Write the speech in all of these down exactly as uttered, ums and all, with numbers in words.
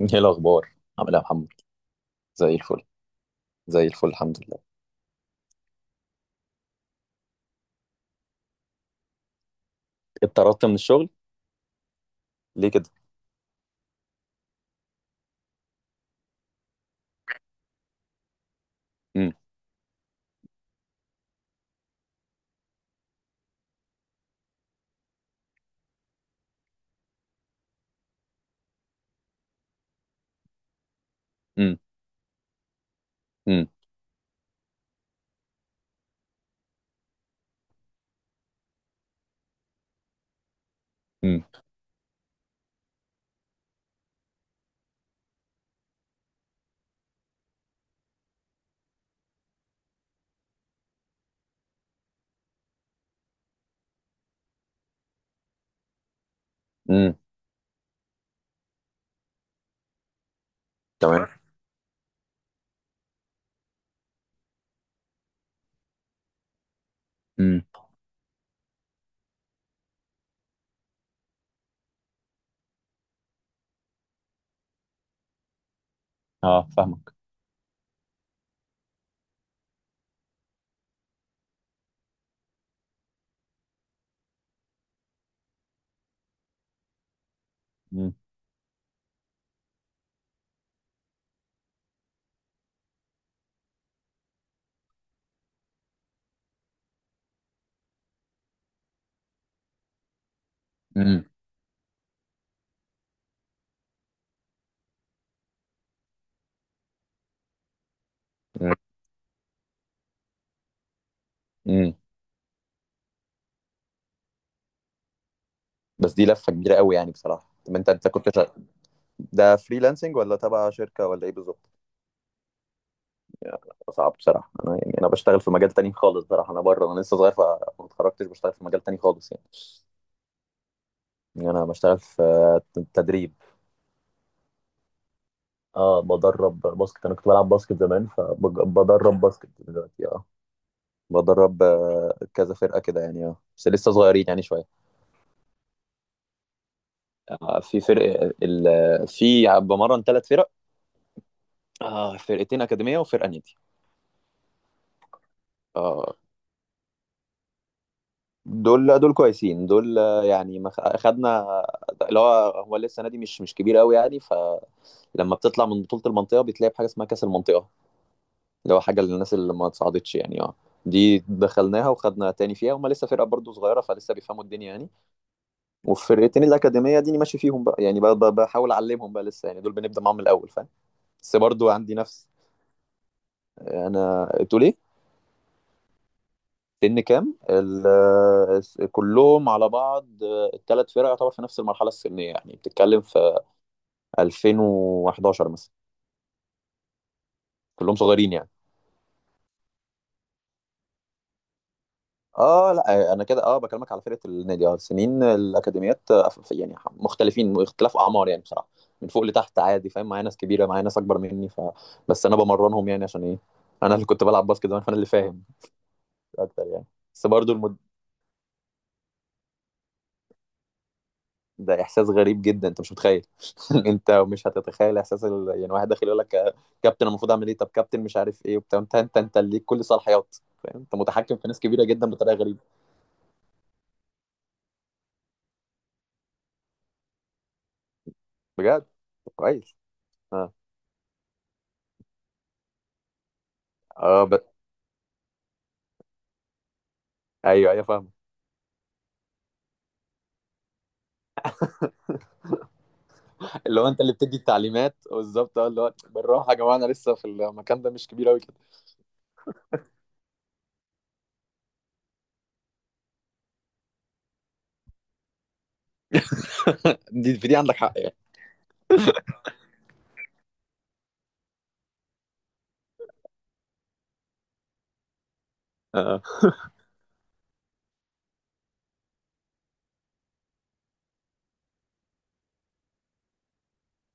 ايه الاخبار؟ عامل ايه يا محمد؟ زي الفل، زي الفل الحمد لله. اتطردت من الشغل ليه كده؟ امم. امم. امم. امم. امم. تمام. امم. اه، فاهمك. امم. امم. امم. بس دي لفه كبيره قوي يعني، بصراحه. طب انت انت كنت شغ... ده فريلانسنج ولا تبع شركه ولا ايه بالظبط؟ يعني صعب بصراحه، انا يعني انا بشتغل في مجال تاني خالص، بصراحه. انا بره، انا لسه صغير، فما اتخرجتش، بشتغل في مجال تاني خالص يعني. يعني انا بشتغل في تدريب. اه، بدرب باسكت، انا كنت بلعب باسكت زمان، فبدرب باسكت دلوقتي. اه، بدرب آه، كذا فرقه كده يعني، اه بس لسه صغيرين يعني شويه. آه، في فرق ال... في بمرن ثلاث فرق. آه، فرقتين اكاديميه وفرقه نادي. اه، دول دول كويسين دول، آه، يعني ما خ- خدنا اللي هو هو لسه نادي مش مش كبير قوي يعني، فلما بتطلع من بطوله المنطقه بتلاقي بحاجه اسمها كاس المنطقه، اللي هو حاجه للناس اللي ما اتصعدتش يعني. اه، دي دخلناها وخدنا تاني فيها. هما لسه فرقه برضو صغيره، فلسه بيفهموا الدنيا يعني. والفرقتين الاكاديميه دي أنا ماشي فيهم بقى يعني، بقى بقى- بحاول اعلمهم بقى، لسه يعني، دول بنبدا معاهم من الاول فاهم. بس برضو عندي نفس. انا تقول ايه؟ سن كام ال- كلهم على بعض؟ الثلاث فرق يعتبر في نفس المرحله السنيه يعني، بتتكلم في ألفين وحداشر مثلا. كلهم صغيرين يعني. اه لا، انا كده اه بكلمك على فرقه النادي. اه، سنين الاكاديميات آه، ف- يعني مختلفين، اختلاف اعمار يعني بصراحه، من فوق لتحت عادي. فاهم؟ معايا ناس كبيره، معايا ناس اكبر مني. ف بس انا بمرنهم يعني، عشان ايه؟ انا اللي كنت بلعب باسكت زمان، فانا اللي فاهم اكتر يعني. بس برضو المد... ده احساس غريب جدا، انت مش متخيل. انت مش هتتخيل احساس ال... يعني، واحد داخل يقول لك آه، كابتن، المفروض اعمل ايه؟ طب كابتن، مش عارف ايه، وبتاع. انت انت انت اللي ليك كل صلاحيات فاهم، انت متحكم في ناس كبيره جدا بطريقه غريبه. بجد. طب كويس. اه. اه ب... ايوه ايوه، فاهم. اللي هو انت اللي بتدي التعليمات بالظبط. اه، اللي هو بالراحه يا جماعه، انا لسه في المكان ده مش كبير قوي كده. دي في دي عندك حق يعني. اه.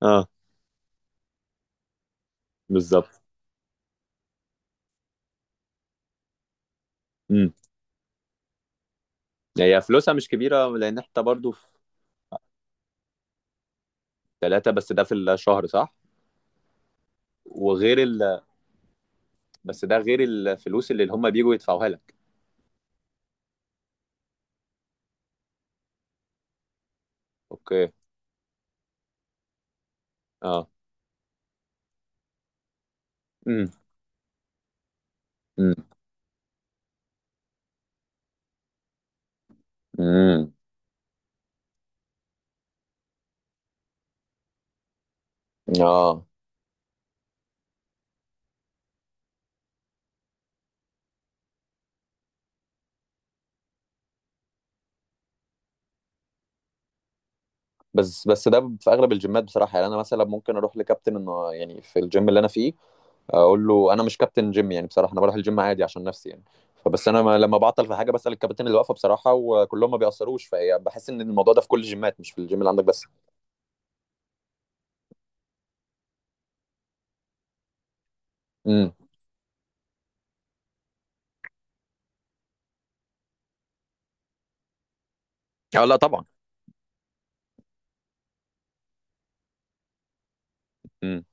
اه، بالظبط. امم. هي فلوسها مش كبيره، لان احنا برضو في ثلاثه بس. ده في الشهر صح؟ وغير ال... بس ده غير الفلوس اللي هم بيجوا يدفعوها لك. اوكي. اه. امم. امم. امم. اه، بس بس ده في اغلب الجيمات بصراحه يعني، انا مثلا ممكن اروح لكابتن انه يعني في الجيم اللي انا فيه، اقول له. انا مش كابتن جيم يعني بصراحه، انا بروح الجيم عادي عشان نفسي يعني. فبس انا ما- لما بعطل في حاجه بسال الكابتن اللي واقفه بصراحه، وكلهم ما بيأثروش. فهي بحس ان الموضوع ده في كل الجيمات، مش في الجيم اللي عندك بس. امم. اه، لا طبعا. امم.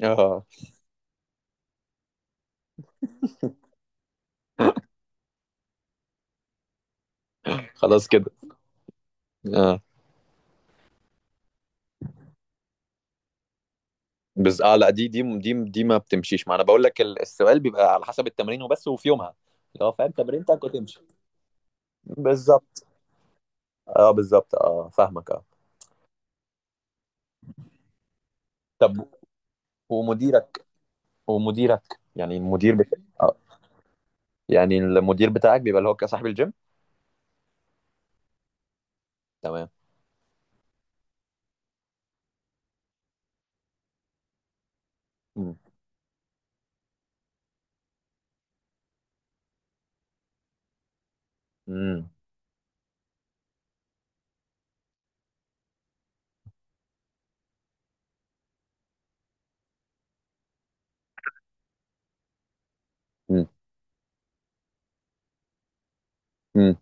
اه. خلاص كده. اه. بس اه لا، دي دي دي دي ما بتمشيش. ما انا بقول لك ال- السؤال بيبقى على حسب التمرين وبس، وفي يومها. لو فاهم تمرينتك وتمشي. بالظبط. اه، بالظبط، اه، فاهمك، اه. طب. ومديرك ومديرك يعني، المدير بتاعك آه. يعني المدير بتاعك بيبقى اللي هو صاحب الجيم. تمام. مم. مم. مم. مم.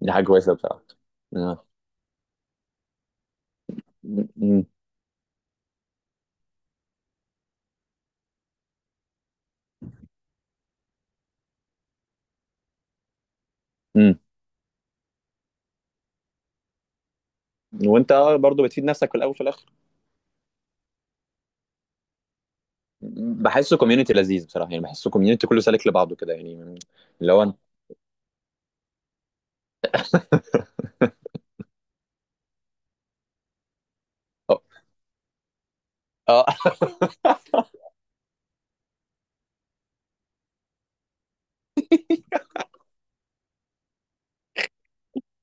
دي حاجة كويسة بصراحة. آه. مم. مم. مم. وانت برضو بتفيد نفسك في الاول وفي الاخر. مم. بحسه كوميونتي لذيذ بصراحة يعني، بحسه كوميونتي كله سالك لبعضه كده يعني. اللي هو انت- اه. آه.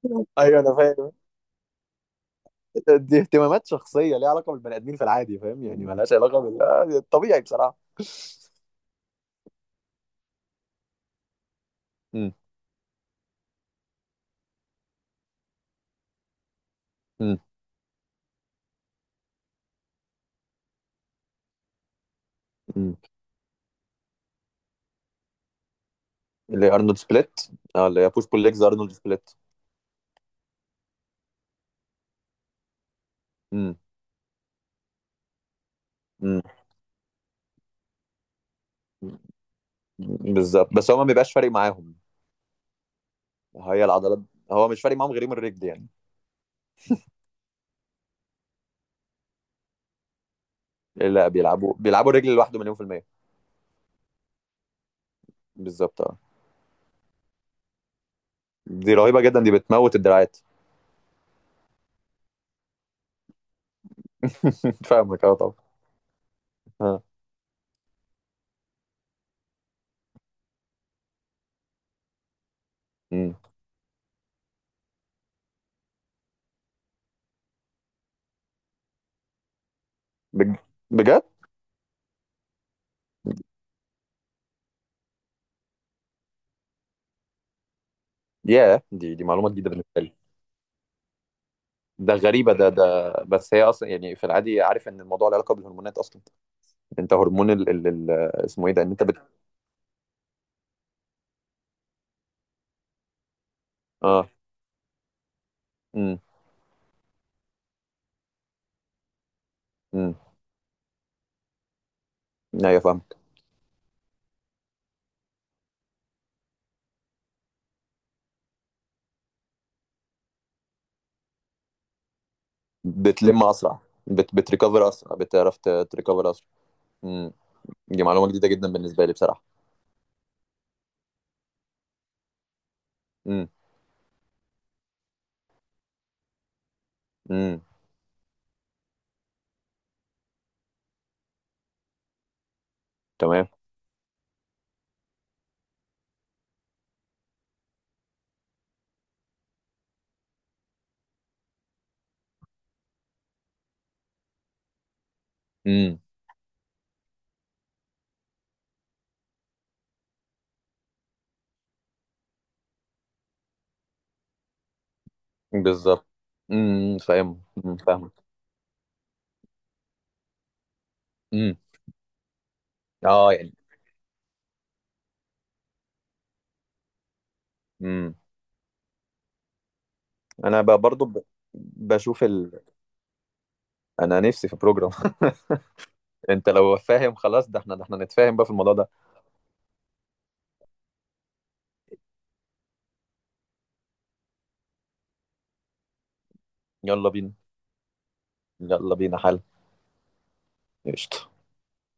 ايوه انا فاهم. دي اهتمامات شخصيه ليها علاقه بالبني ادمين في العادي، فاهم يعني، مالهاش علاقه بالطبيعي بصراحه. مم. مم. مم. اللي هي ارنولد سبليت. اه، اللي هي بوش بول ليجز، ارنولد سبليت. مم. مم. بالظبط، بس هو ما بيبقاش فارق معاهم. هي العضلات. هو مش فارق معاهم غير يوم الرجل يعني. لا، بيلعبوا بيلعبوا الرجل لوحده مليون في المية. بالظبط، اه. دي رهيبة جدا، دي بتموت الدراعات. فاهمك، اه طبعا. اه. أمم. بج- بجد. ياه، دي دي معلومة جديدة بالنسبة لي. ده غريبة. ده ده بس هي اصلا يعني في العادي، عارف ان الموضوع له علاقة بالهرمونات اصلا. انت هرمون ال... ال... ال... اسمه ايه ده؟ ان انت بت... اه. امم. امم. ايوه، فاهمك. بتلم اسرع. بت... بتريكفر اسرع، بتعرف ت- تريكفر اسرع. امم. دي معلومة جديدة جدا بالنسبة لي بصراحة. امم. امم. تمام. امم. بالظبط. امم، فاهم. امم، فاهم. امم. اه يعني. امم. انا ب- برضو ب... بشوف ال... انا نفسي في بروجرام. انت لو فاهم خلاص، ده احنا، ده احنا نتفاهم بقى في الموضوع ده. يلا بينا. يلا بينا، حل. قشطة.